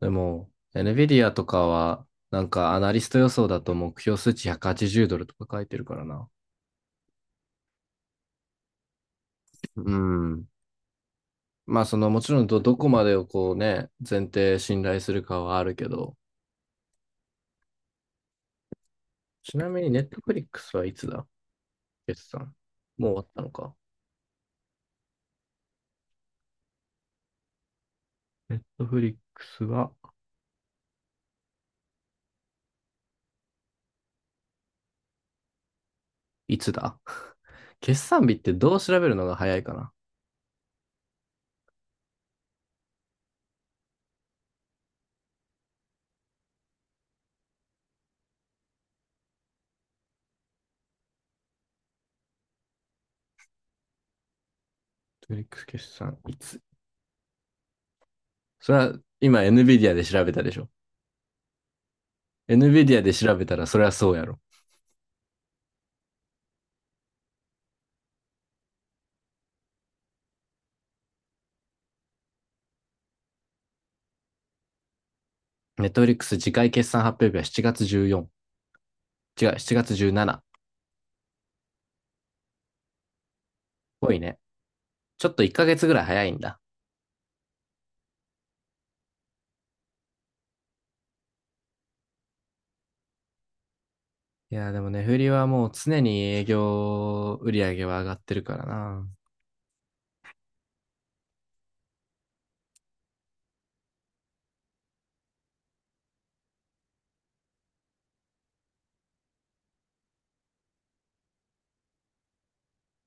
でも、NVIDIA とかは、なんかアナリスト予想だと目標数値180ドルとか書いてるからな。うん。まあ、その、もちろんどこまでをこうね、前提信頼するかはあるけど、ちなみに Netflix はいつだ決算。もう終わったのか。Netflix はいつだ 決算日ってどう調べるのが早いかな？ Netflix 決算いつ？それは今 NVIDIA で調べたでしょ？ NVIDIA で調べたらそれはそうやろ。ネットフリックス次回決算発表日は7月14、違う、7月17。多いね。ちょっと1ヶ月ぐらい早いんだ。いやでもね、フリはもう常に営業売上は上がってるからな。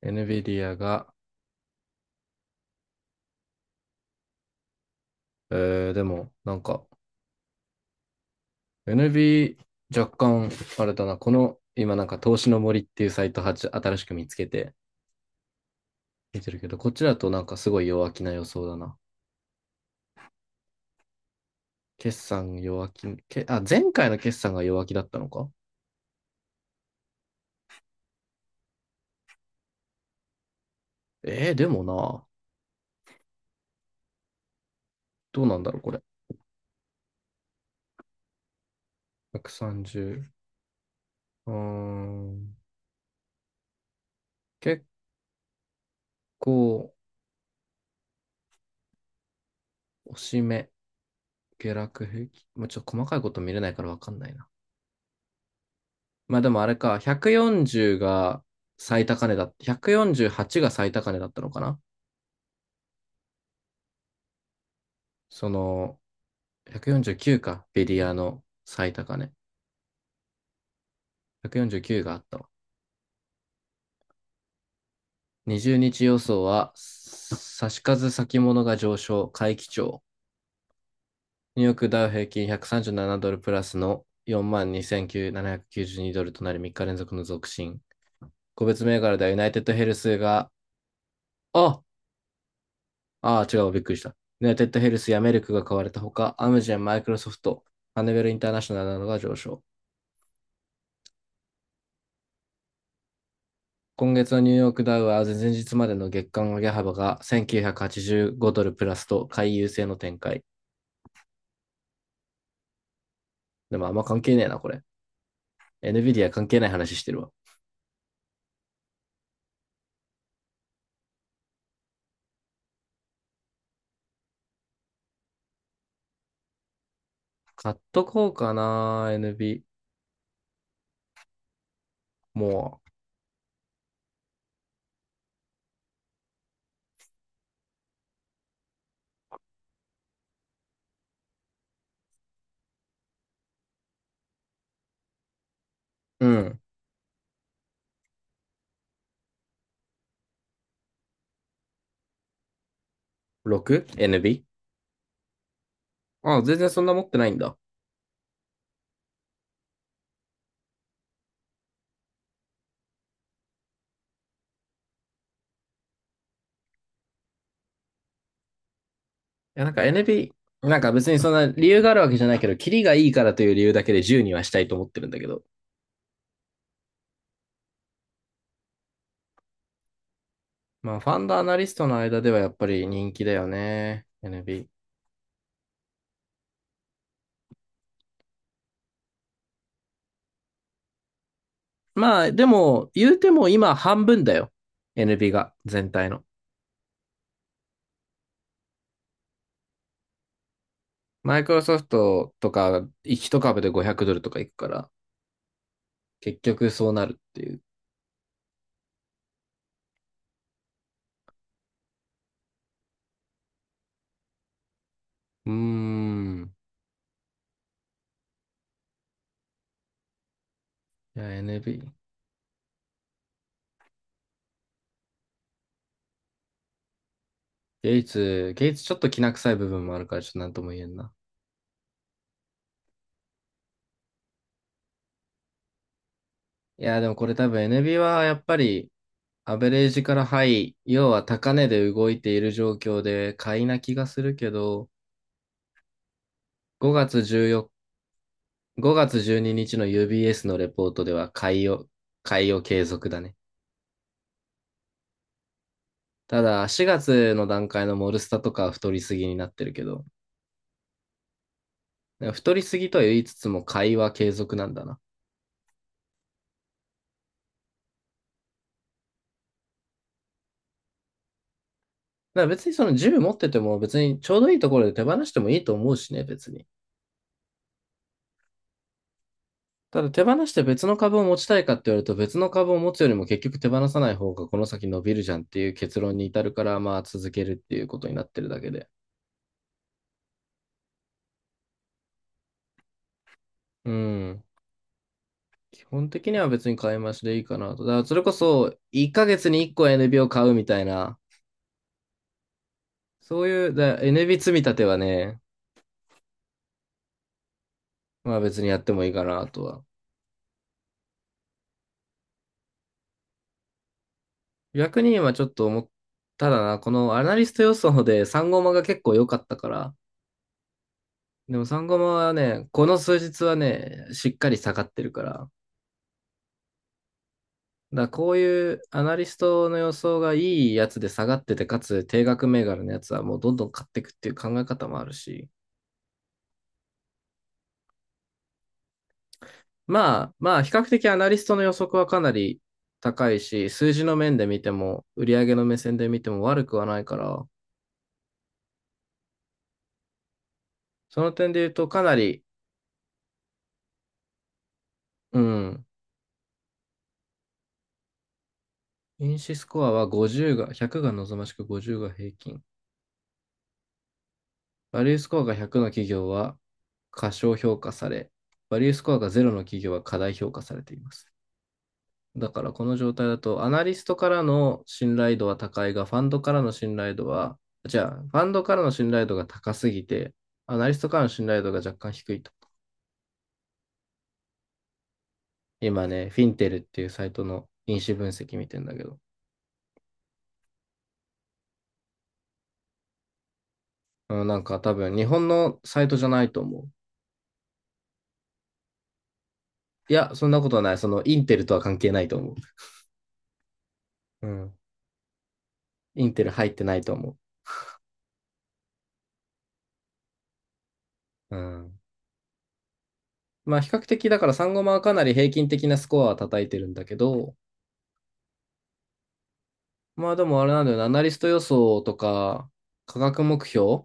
NVIDIA が、でも、なんか、NV、若干、あれだな、この、今なんか、投資の森っていうサイトは新しく見つけて、見てるけど、こっちだとなんかすごい弱気な予想だな。決算弱気、前回の決算が弱気だったのか。でもな、どうなんだろう、これ。130。うーん。結構、押し目、下落平均。もうちょっと細かいこと見れないからわかんないな。まあでもあれか、140が最高値だっ、148が最高値だったのかな。その、149か、ベリアの最高値。149があったわ。20日予想は、差し数先物が上昇、回帰調。ニューヨークダウ平均137ドルプラスの42,792ドルとなり3日連続の続伸。個別銘柄ではユナイテッドヘルスが、ああ違う、びっくりした。ユナイテッドヘルスやメルクが買われたほか、アムジェン、マイクロソフト、ハネベルインターナショナルなどが上昇。今月のニューヨークダウは前々日までの月間上げ幅が1985ドルプラスと買い優勢の展開。でもあんま関係ねえな、これ。NVIDIA 関係ない話してるわ。買っとこうかな、n a もう。うん。6?NB? あ、全然そんな持ってないんだ。いや、なんか NB、なんか別にそんな理由があるわけじゃないけど、キリがいいからという理由だけで10にはしたいと思ってるんだけど。まあ、ファンドアナリストの間ではやっぱり人気だよね。NB。まあ、でも、言うても今半分だよ。NB が、全体の。マイクロソフトとか、一株で500ドルとかいくから、結局そうなるっていう。うーん。いや、NB。ゲイツ、ゲイツちょっと気な臭い部分もあるから、ちょっとなんとも言えんな。いや、でもこれ多分 NB はやっぱりアベレージからハイ、要は高値で動いている状況で買いな気がするけど、5月14、5月12日の UBS のレポートでは買いを継続だね。ただ4月の段階のモルスタとかは太りすぎになってるけど、太りすぎとは言いつつも買いは継続なんだな。だから別にその10持ってても別にちょうどいいところで手放してもいいと思うしね、別に。ただ手放して別の株を持ちたいかって言われると別の株を持つよりも結局手放さない方がこの先伸びるじゃんっていう結論に至るからまあ続けるっていうことになってるだけで。うん。基本的には別に買い増しでいいかなと。だからそれこそ1ヶ月に1個 NB を買うみたいな、そういうだ NB 積み立てはね、まあ別にやってもいいかなとは。逆に今ちょっと思っただな、このアナリスト予想で3ゴマが結構良かったから、でも3ゴマはね、この数日はね、しっかり下がってるから、だからこういうアナリストの予想がいいやつで下がってて、かつ定額銘柄のやつはもうどんどん買っていくっていう考え方もあるし、まあ、まあ、比較的アナリストの予測はかなり高いし、数字の面で見ても、売上の目線で見ても悪くはないから、その点で言うとかなり、うん、因子スコアは50が、100が望ましく50が平均。バリュースコアが100の企業は過小評価され、バリュースコアが0の企業は過大評価されています。だからこの状態だと、アナリストからの信頼度は高いが、ファンドからの信頼度は、じゃあ、ファンドからの信頼度が高すぎて、アナリストからの信頼度が若干低いと。今ね、フィンテルっていうサイトの因子分析見てんだけど、うん。なんか多分日本のサイトじゃないと思う。いや、そんなことはない。そのインテルとは関係ないと思う。うん。インテル入ってないと思う。うん。まあ比較的だからサンゴマはかなり平均的なスコアは叩いてるんだけど、まあでもあれなんだよな、アナリスト予想とか、価格目標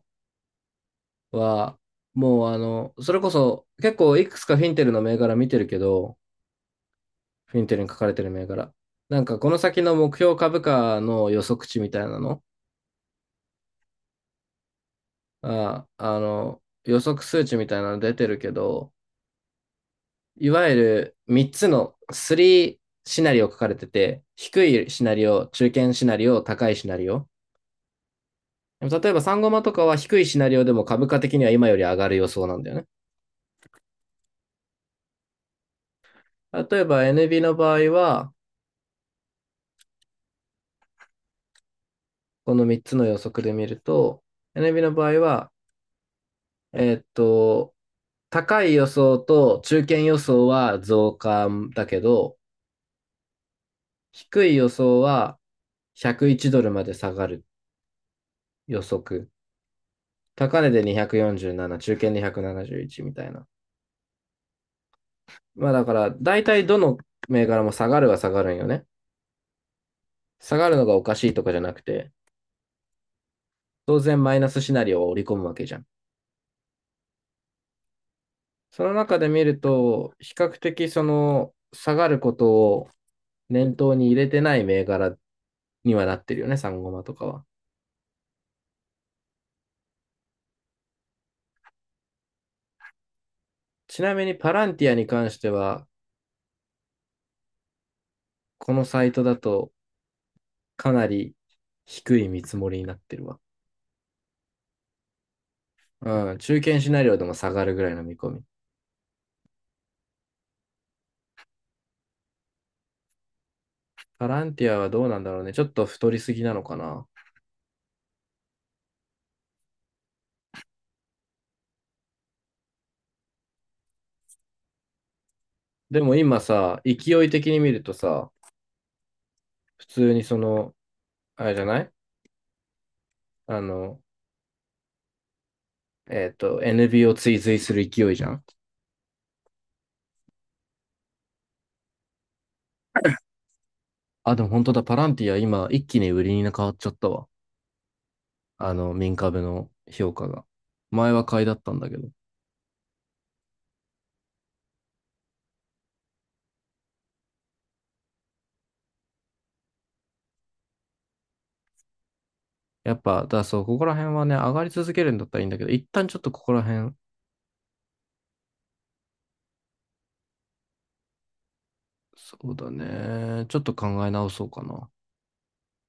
は、もうあの、それこそ結構いくつかフィンテルの銘柄見てるけど、フィンテルに書かれてる銘柄。なんかこの先の目標株価の予測値みたいなの、予測数値みたいなの出てるけど、いわゆる3つの3シナリオ書かれてて、低いシナリオ、中堅シナリオ、高いシナリオ。でも例えば3ゴマとかは低いシナリオでも株価的には今より上がる予想なんだよね。例えば NB の場合は、この3つの予測で見ると、NB の場合は、えーっと、高い予想と中堅予想は増加だけど、低い予想は101ドルまで下がる予測。高値で247、中堅で171みたいな。まあだから、大体どの銘柄も下がるは下がるんよね。下がるのがおかしいとかじゃなくて、当然マイナスシナリオを織り込むわけじゃん。その中で見ると、比較的その下がることを念頭に入れてない銘柄にはなってるよね、サンゴマとかは。ちなみにパランティアに関しては、このサイトだとかなり低い見積もりになってるわ。うん、中堅シナリオでも下がるぐらいの見込み。パランティアはどうなんだろうね。ちょっと太りすぎなのかな。でも今さ、勢い的に見るとさ、普通にその、あれじゃないあの、NB を追随する勢いじゃん。あ、でも本当だ、パランティア今一気に売りに変わっちゃったわ。あの、民株の評価が。前は買いだったんだけど。やっぱ、だからそう、ここら辺はね、上がり続けるんだったらいいんだけど、一旦ちょっとここら辺、そうだね、ちょっと考え直そうかな。